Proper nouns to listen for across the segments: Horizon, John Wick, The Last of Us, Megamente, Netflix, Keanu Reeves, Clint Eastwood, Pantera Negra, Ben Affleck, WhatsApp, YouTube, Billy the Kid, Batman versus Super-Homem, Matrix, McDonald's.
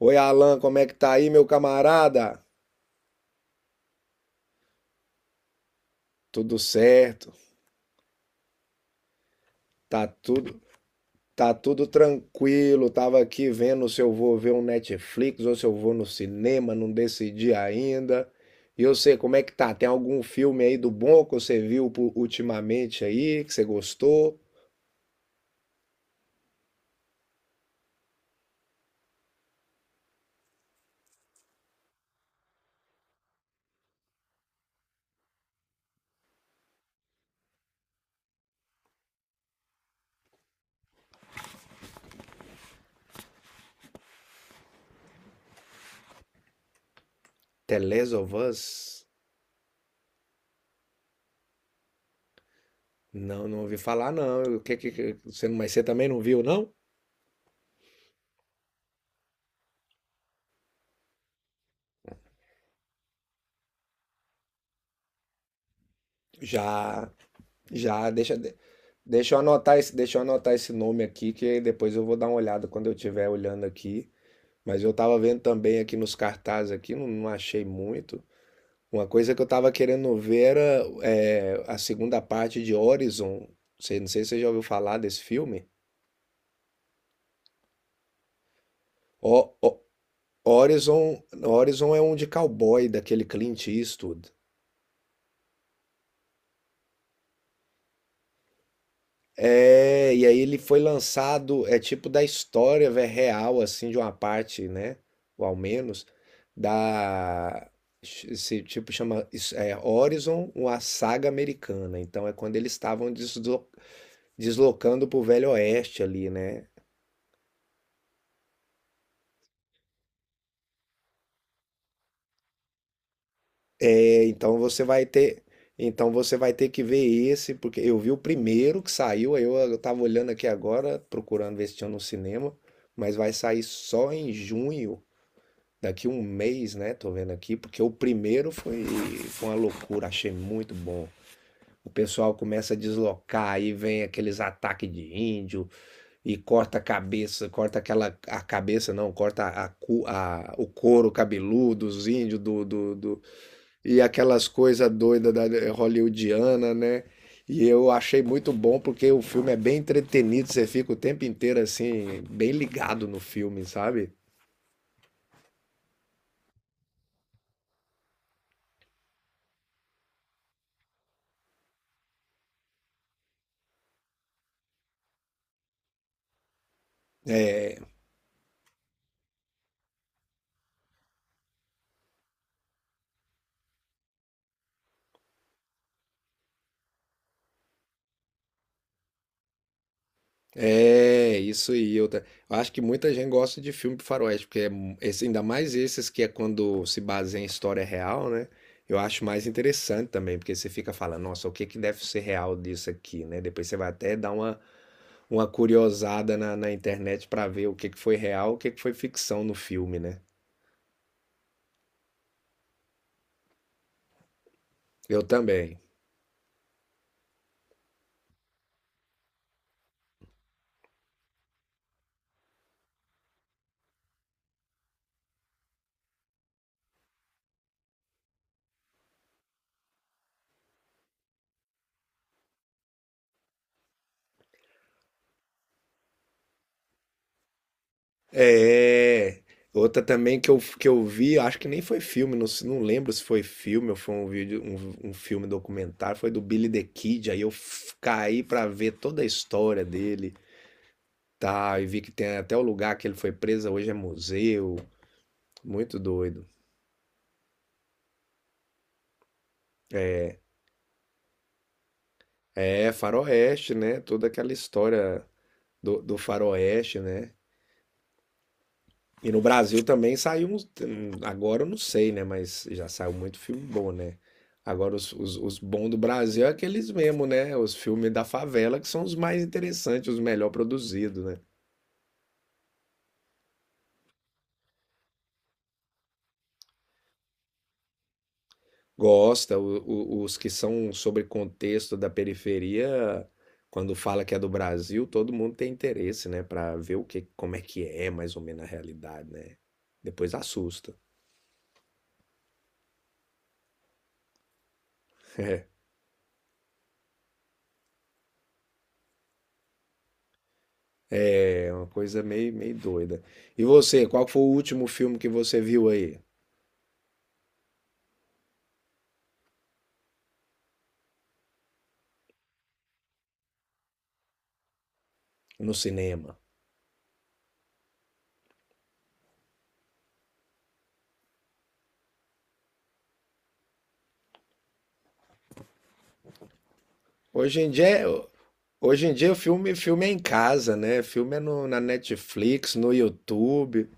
Oi, Alan, como é que tá aí, meu camarada? Tudo certo? Tá tudo, tá tudo tranquilo. Tava aqui vendo se eu vou ver um Netflix ou se eu vou no cinema, não decidi ainda. E eu sei como é que tá? Tem algum filme aí do bom que você viu ultimamente aí, que você gostou? The Last of Us? Não, não ouvi falar não. O que você, mas você também não viu, não? Já. Já, deixa eu anotar esse, deixa eu anotar esse nome aqui, que aí depois eu vou dar uma olhada quando eu estiver olhando aqui. Mas eu tava vendo também aqui nos cartazes aqui, não, não achei muito. Uma coisa que eu tava querendo ver era a segunda parte de Horizon. Você, não sei se você já ouviu falar desse filme. O, o- Horizon, Horizon é um de cowboy, daquele Clint Eastwood. É, e aí ele foi lançado, é tipo da história, velho, real, assim, de uma parte, né? Ou ao menos, da. Esse tipo chama isso Horizon, uma saga americana. Então é quando eles estavam deslocando pro Velho Oeste ali, né? É, então você vai ter. Então você vai ter que ver esse, porque eu vi o primeiro que saiu, aí eu tava olhando aqui agora, procurando ver se tinha no cinema, mas vai sair só em junho. Daqui um mês, né? Tô vendo aqui, porque o primeiro foi, foi uma loucura, achei muito bom. O pessoal começa a deslocar, aí vem aqueles ataques de índio e corta a cabeça, corta aquela a cabeça não, corta o couro cabeludo dos índios e aquelas coisas doidas da hollywoodiana, né? E eu achei muito bom porque o filme é bem entretenido, você fica o tempo inteiro assim, bem ligado no filme, sabe? É, isso aí. Eu acho que muita gente gosta de filme faroeste, porque esse, ainda mais esses que é quando se baseia em história real, né? Eu acho mais interessante também, porque você fica falando, nossa, o que que deve ser real disso aqui, né? Depois você vai até dar uma curiosada na internet pra ver o que que foi real, o que que foi ficção no filme, né? Eu também. É, outra também que eu vi, acho que nem foi filme, não, não lembro se foi filme ou foi um vídeo, um filme documentário, foi do Billy the Kid, aí eu caí pra ver toda a história dele, tá, e vi que tem até o lugar que ele foi preso, hoje é museu, muito doido. É, Faroeste, né, toda aquela história do Faroeste, né, e no Brasil também saiu uns. Agora eu não sei, né? Mas já saiu muito filme bom, né? Agora os bons do Brasil é aqueles mesmo, né? Os filmes da favela que são os mais interessantes, os melhor produzidos, né? Gosta, os que são sobre contexto da periferia, quando fala que é do Brasil, todo mundo tem interesse, né? Pra ver o que, como é que é mais ou menos a realidade, né? Depois assusta. É uma coisa meio, meio doida. E você, qual foi o último filme que você viu aí? No cinema. Hoje em dia, hoje em dia o filme, filme é em casa, né? Filme é no, na Netflix, no YouTube.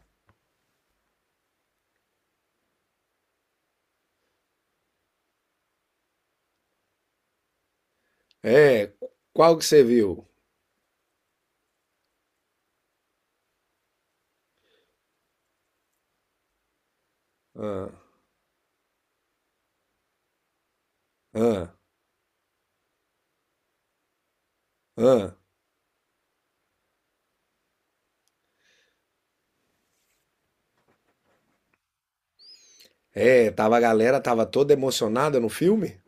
É, qual que você viu? Ah, ah, ah. É, tava a galera tava toda emocionada no filme?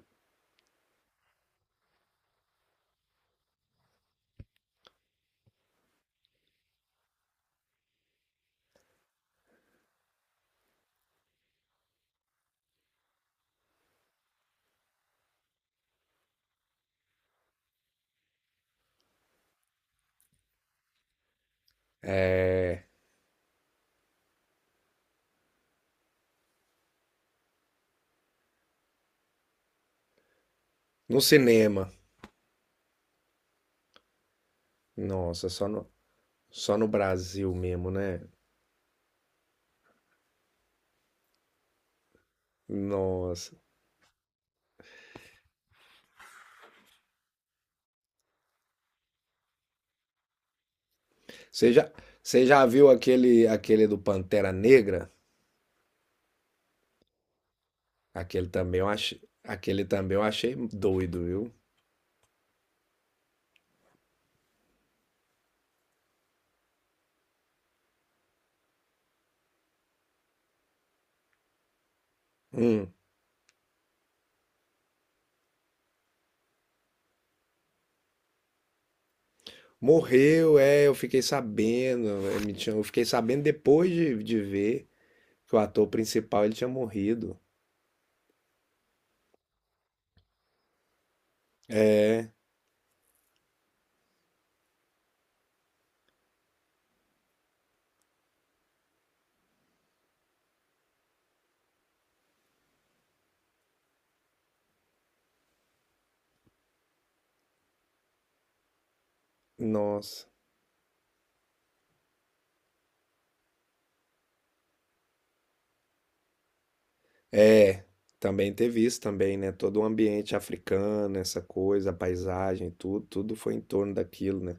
No cinema. Nossa, só no Brasil mesmo, né? Nossa. Você já, você já viu aquele aquele do Pantera Negra? Aquele também eu achei, aquele também eu achei doido, viu? Hum. Morreu, é, eu fiquei sabendo, eu fiquei sabendo depois de ver que o ator principal ele tinha morrido. Nossa. É, também teve isso também, né? Todo o ambiente africano, essa coisa, a paisagem, tudo, tudo foi em torno daquilo, né?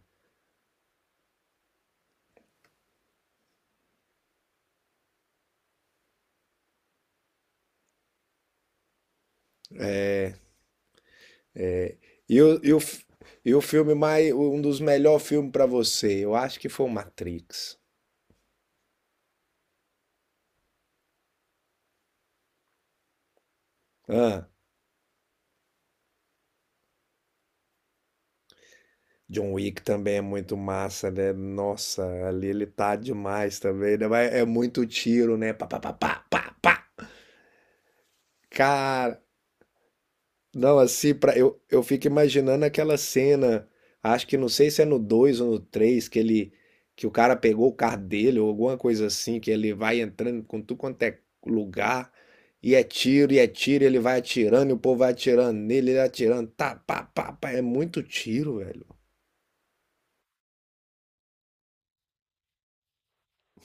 E o, e o, f- e o filme mais, um dos melhores filmes pra você, eu acho que foi o Matrix. Ah, John Wick também é muito massa, né? Nossa, ali ele tá demais também, né? Mas é muito tiro, né? Pá, pá, pá, pá, pá, pá. Cara, não, assim, pra, eu fico imaginando aquela cena, acho que não sei se é no 2 ou no 3 que ele, que o cara pegou o carro dele ou alguma coisa assim, que ele vai entrando com tudo quanto é lugar, e é tiro, e é tiro, e ele vai atirando, e o povo vai atirando nele, ele atirando, tá, pá, pá, pá, é muito tiro, velho.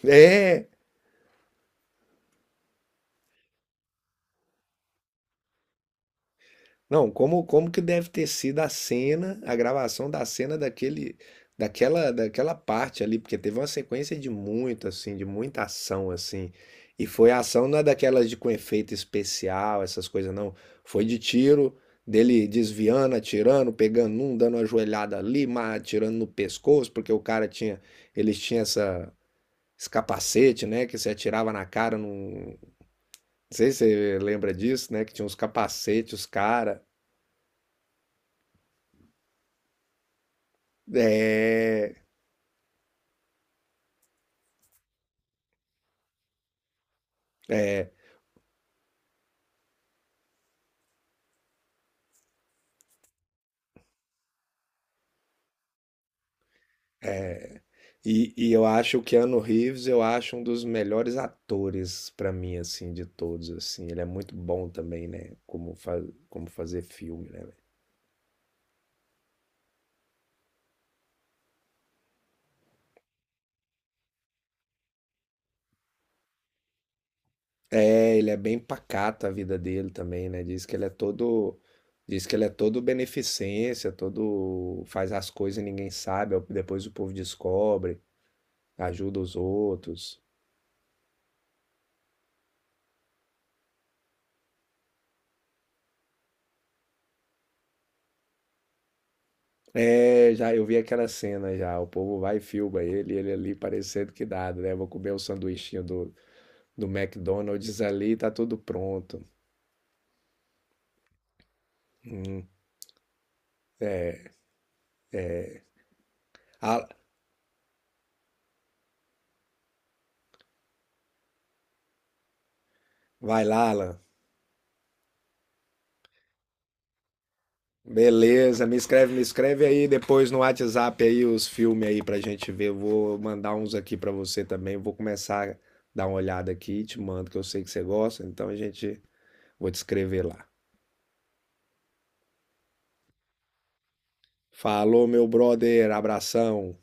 É. Não, como que deve ter sido a cena, a gravação da cena daquele daquela parte ali, porque teve uma sequência de muito assim, de muita ação assim. E foi ação não é daquelas de com efeito especial, essas coisas não. Foi de tiro, dele desviando, atirando, pegando um, dando uma joelhada ali, mas atirando no pescoço, porque o cara tinha, eles tinham essa esse capacete, né, que se atirava na cara, não, não sei se você lembra disso, né, que tinha uns capacetes, os cara. É, e eu acho o Keanu Reeves, eu acho um dos melhores atores pra mim, assim, de todos, assim. Ele é muito bom também, né? Como fazer filme, né? É, ele é bem pacato a vida dele também, né? Diz que ele é todo, diz que ele é todo beneficência, todo faz as coisas e ninguém sabe, depois o povo descobre, ajuda os outros. É, já eu vi aquela cena já, o povo vai e filma ele, e ele ali parecendo que nada, né? Vou comer o sanduichinho do McDonald's ali, tá tudo pronto. Ah, vai lá, Alan. Beleza, me escreve aí depois no WhatsApp aí os filmes aí pra gente ver. Eu vou mandar uns aqui pra você também. Vou começar a dar uma olhada aqui, te mando que eu sei que você gosta, então a gente vou te escrever lá. Falou, meu brother, abração.